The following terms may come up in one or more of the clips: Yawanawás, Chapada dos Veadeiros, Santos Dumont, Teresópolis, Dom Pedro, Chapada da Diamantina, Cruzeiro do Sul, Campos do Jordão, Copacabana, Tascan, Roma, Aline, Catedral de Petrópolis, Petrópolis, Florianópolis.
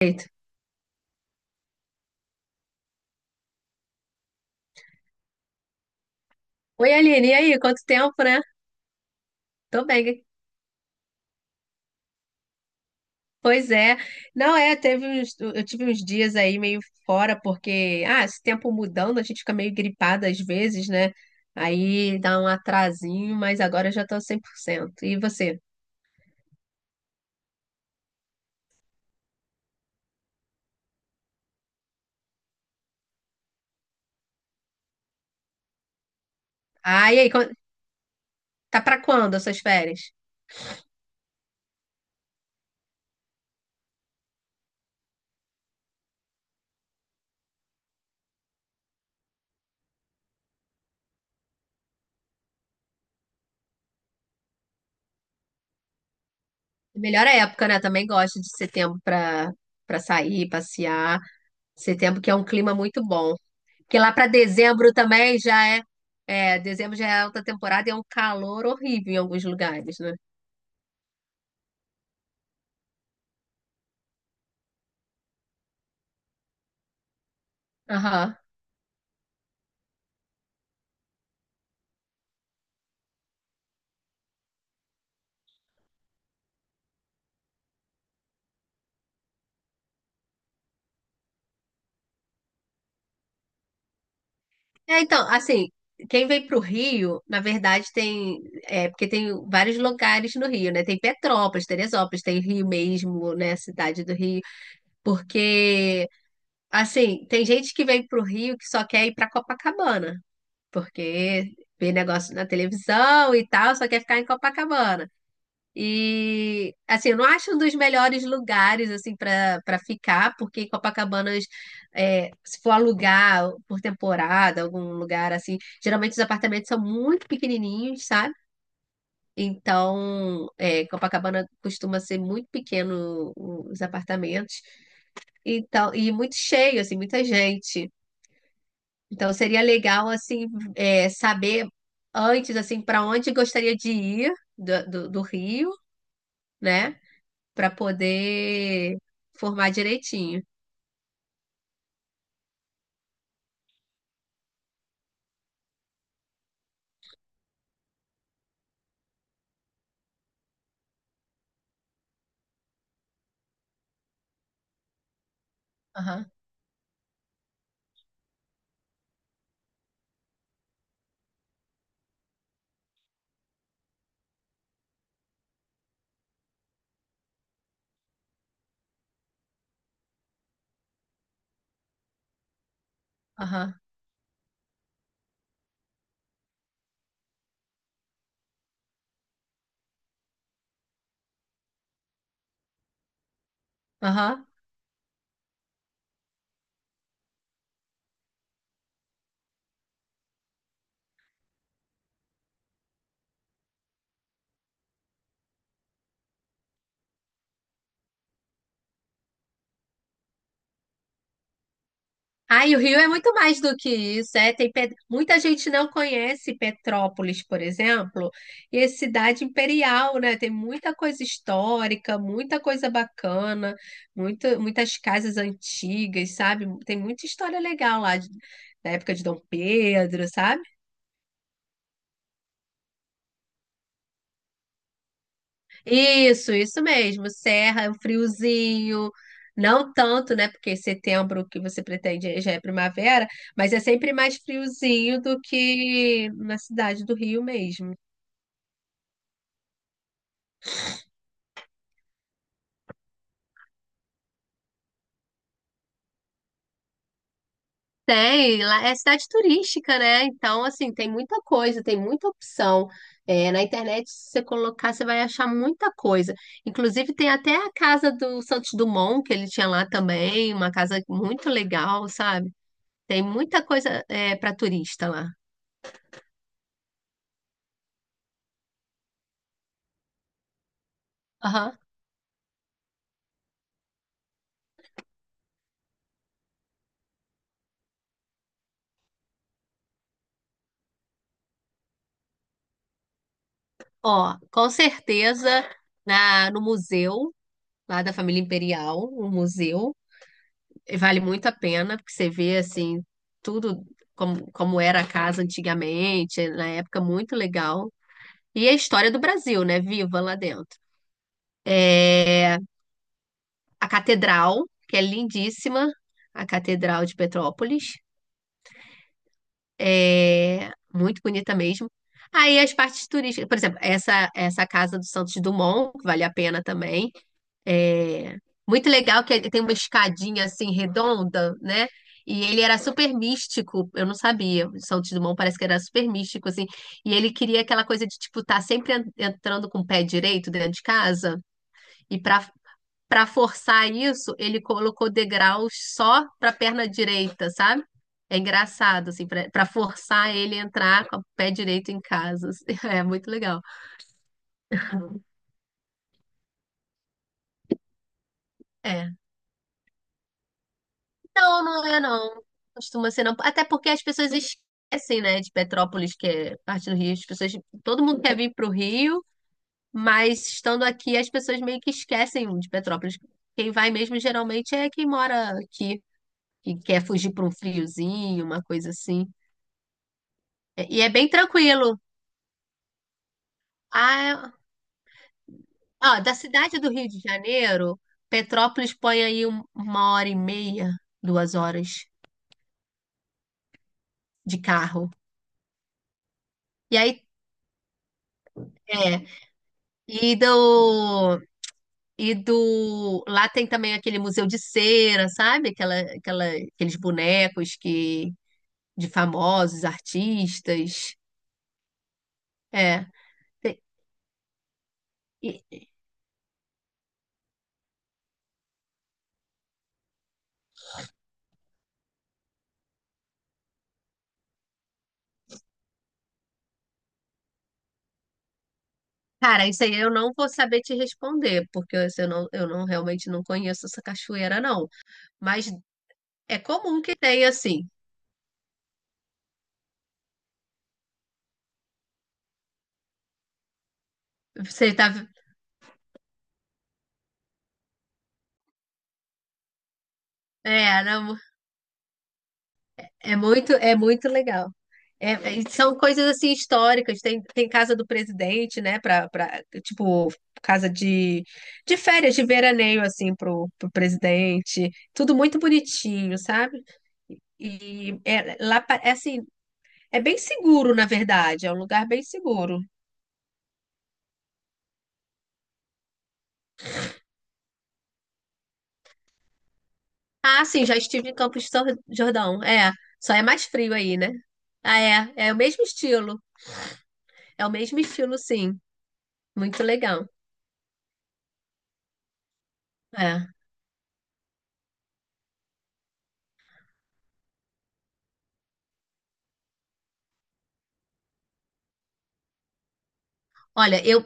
Perfeito. Oi, Aline, e aí? Quanto tempo, né? Tô bem. Pois é. Não é, eu tive uns dias aí meio fora, porque, ah, esse tempo mudando, a gente fica meio gripada às vezes, né? Aí dá um atrasinho, mas agora eu já tô 100%. E você? Ah, e aí, tá pra quando as suas férias? Melhor época, né? Também gosto de setembro pra sair, passear. Setembro que é um clima muito bom. Porque lá para dezembro também já dezembro já é alta temporada e é um calor horrível em alguns lugares, né? Aham. É, então, assim, quem vem pro Rio, na verdade porque tem vários lugares no Rio, né? Tem Petrópolis, Teresópolis, tem Rio mesmo, né? Cidade do Rio, porque, assim, tem gente que vem pro Rio que só quer ir pra Copacabana, porque vê negócio na televisão e tal, só quer ficar em Copacabana. E assim, eu não acho um dos melhores lugares assim para ficar, porque Copacabanas, se for alugar por temporada, algum lugar assim, geralmente os apartamentos são muito pequenininhos, sabe? Então, Copacabana costuma ser muito pequeno os apartamentos, então e muito cheio assim, muita gente. Então seria legal assim saber antes assim para onde gostaria de ir do, do Rio né? Para poder formar direitinho. Aham, aham, aham. Ah, e o Rio é muito mais do que isso, é, muita gente não conhece Petrópolis, por exemplo, e é cidade imperial, né? Tem muita coisa histórica, muita coisa bacana, muitas casas antigas, sabe? Tem muita história legal lá da época de Dom Pedro, sabe? Isso mesmo. Serra, um friozinho. Não tanto, né? Porque setembro que você pretende já é primavera, mas é sempre mais friozinho do que na cidade do Rio mesmo. Tem, lá é cidade turística, né? Então, assim, tem muita coisa, tem muita opção. É, na internet, se você colocar, você vai achar muita coisa. Inclusive, tem até a casa do Santos Dumont, que ele tinha lá também, uma casa muito legal, sabe? Tem muita coisa, para turista lá. Ó, com certeza no museu lá da família Imperial, um museu, e vale muito a pena, porque você vê assim tudo como era a casa antigamente, na época muito legal. E a história do Brasil, né? Viva lá dentro. É, a catedral, que é lindíssima, a Catedral de Petrópolis, é muito bonita mesmo. Aí as partes turísticas, por exemplo, essa casa do Santos Dumont, que vale a pena também. É, muito legal que ele tem uma escadinha assim redonda, né? E ele era super místico, eu não sabia. O Santos Dumont parece que era super místico, assim. E ele queria aquela coisa de, tipo, estar sempre entrando com o pé direito dentro de casa. E para forçar isso, ele colocou degraus só para a perna direita, sabe? É engraçado, assim, para forçar ele a entrar com o pé direito em casa, assim. É muito legal. É. Não, não é não. Costuma ser não. Até porque as pessoas esquecem, né, de Petrópolis, que é parte do Rio. Todo mundo quer vir para o Rio, mas estando aqui as pessoas meio que esquecem de Petrópolis. Quem vai mesmo geralmente é quem mora aqui, que quer fugir para um friozinho, uma coisa assim. E é bem tranquilo. Ah, ó, da cidade do Rio de Janeiro, Petrópolis põe aí uma hora e meia, 2 horas de carro. E aí, é, e do E do. Lá tem também aquele museu de cera, sabe? Aqueles bonecos que de famosos, artistas. É. Tem- e- cara, isso aí eu não vou saber te responder, porque eu assim, eu não realmente não conheço essa cachoeira, não. Mas é comum que tenha, assim. Você tá. É, não. É muito legal. E são coisas assim históricas. Tem casa do presidente, né? Tipo, casa de férias, de veraneio, assim, pro presidente. Tudo muito bonitinho, sabe? E é, lá, é assim, é bem seguro, na verdade. É um lugar bem seguro. Ah, sim, já estive em Campos do Jordão. É, só é mais frio aí, né? Ah, é. É o mesmo estilo. É o mesmo estilo, sim. Muito legal. É. Olha, eu,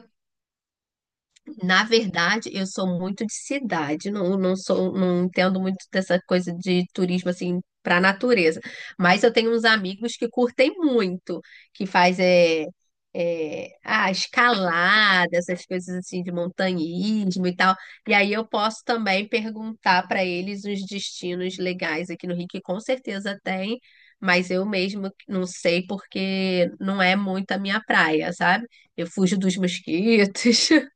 Na verdade, eu sou muito de cidade, não, não sou, não entendo muito dessa coisa de turismo assim para natureza. Mas eu tenho uns amigos que curtem muito, que faz escalada, essas coisas assim de montanhismo e tal. E aí eu posso também perguntar para eles os destinos legais aqui no Rio, que com certeza tem, mas eu mesmo não sei porque não é muito a minha praia, sabe? Eu fujo dos mosquitos.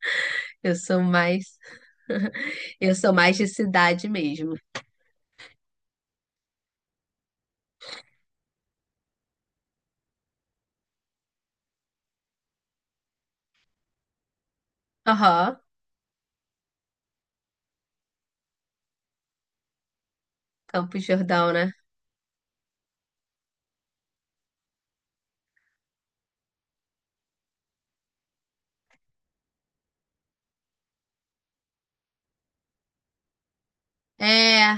Eu sou mais, eu sou mais de cidade mesmo. Aham, Campos de Jordão, né? É,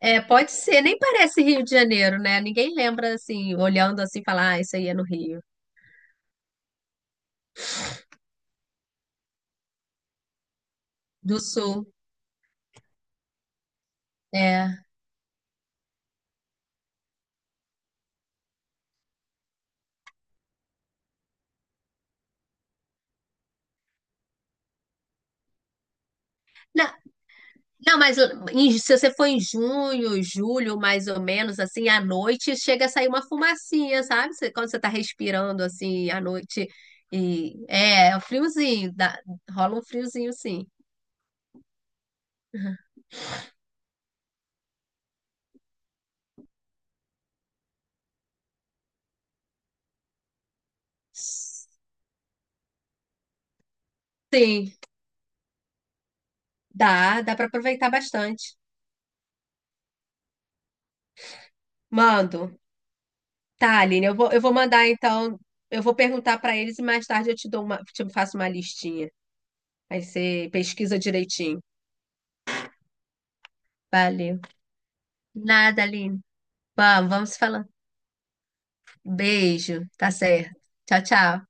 pode ser, nem parece Rio de Janeiro, né? Ninguém lembra assim, olhando assim, falar, ah, isso aí é no Rio do Sul. É. Não, não, mas se você for em junho, julho, mais ou menos, assim, à noite, chega a sair uma fumacinha, sabe? Quando você tá respirando assim à noite e é um friozinho, rola um friozinho, sim. Sim. Dá para aproveitar bastante. Mando. Tá, Aline, eu vou, mandar então. Eu vou perguntar para eles e mais tarde eu te faço uma listinha. Aí você pesquisa direitinho. Valeu. Nada, Aline. Vamos se falando. Beijo. Tá certo. Tchau, tchau.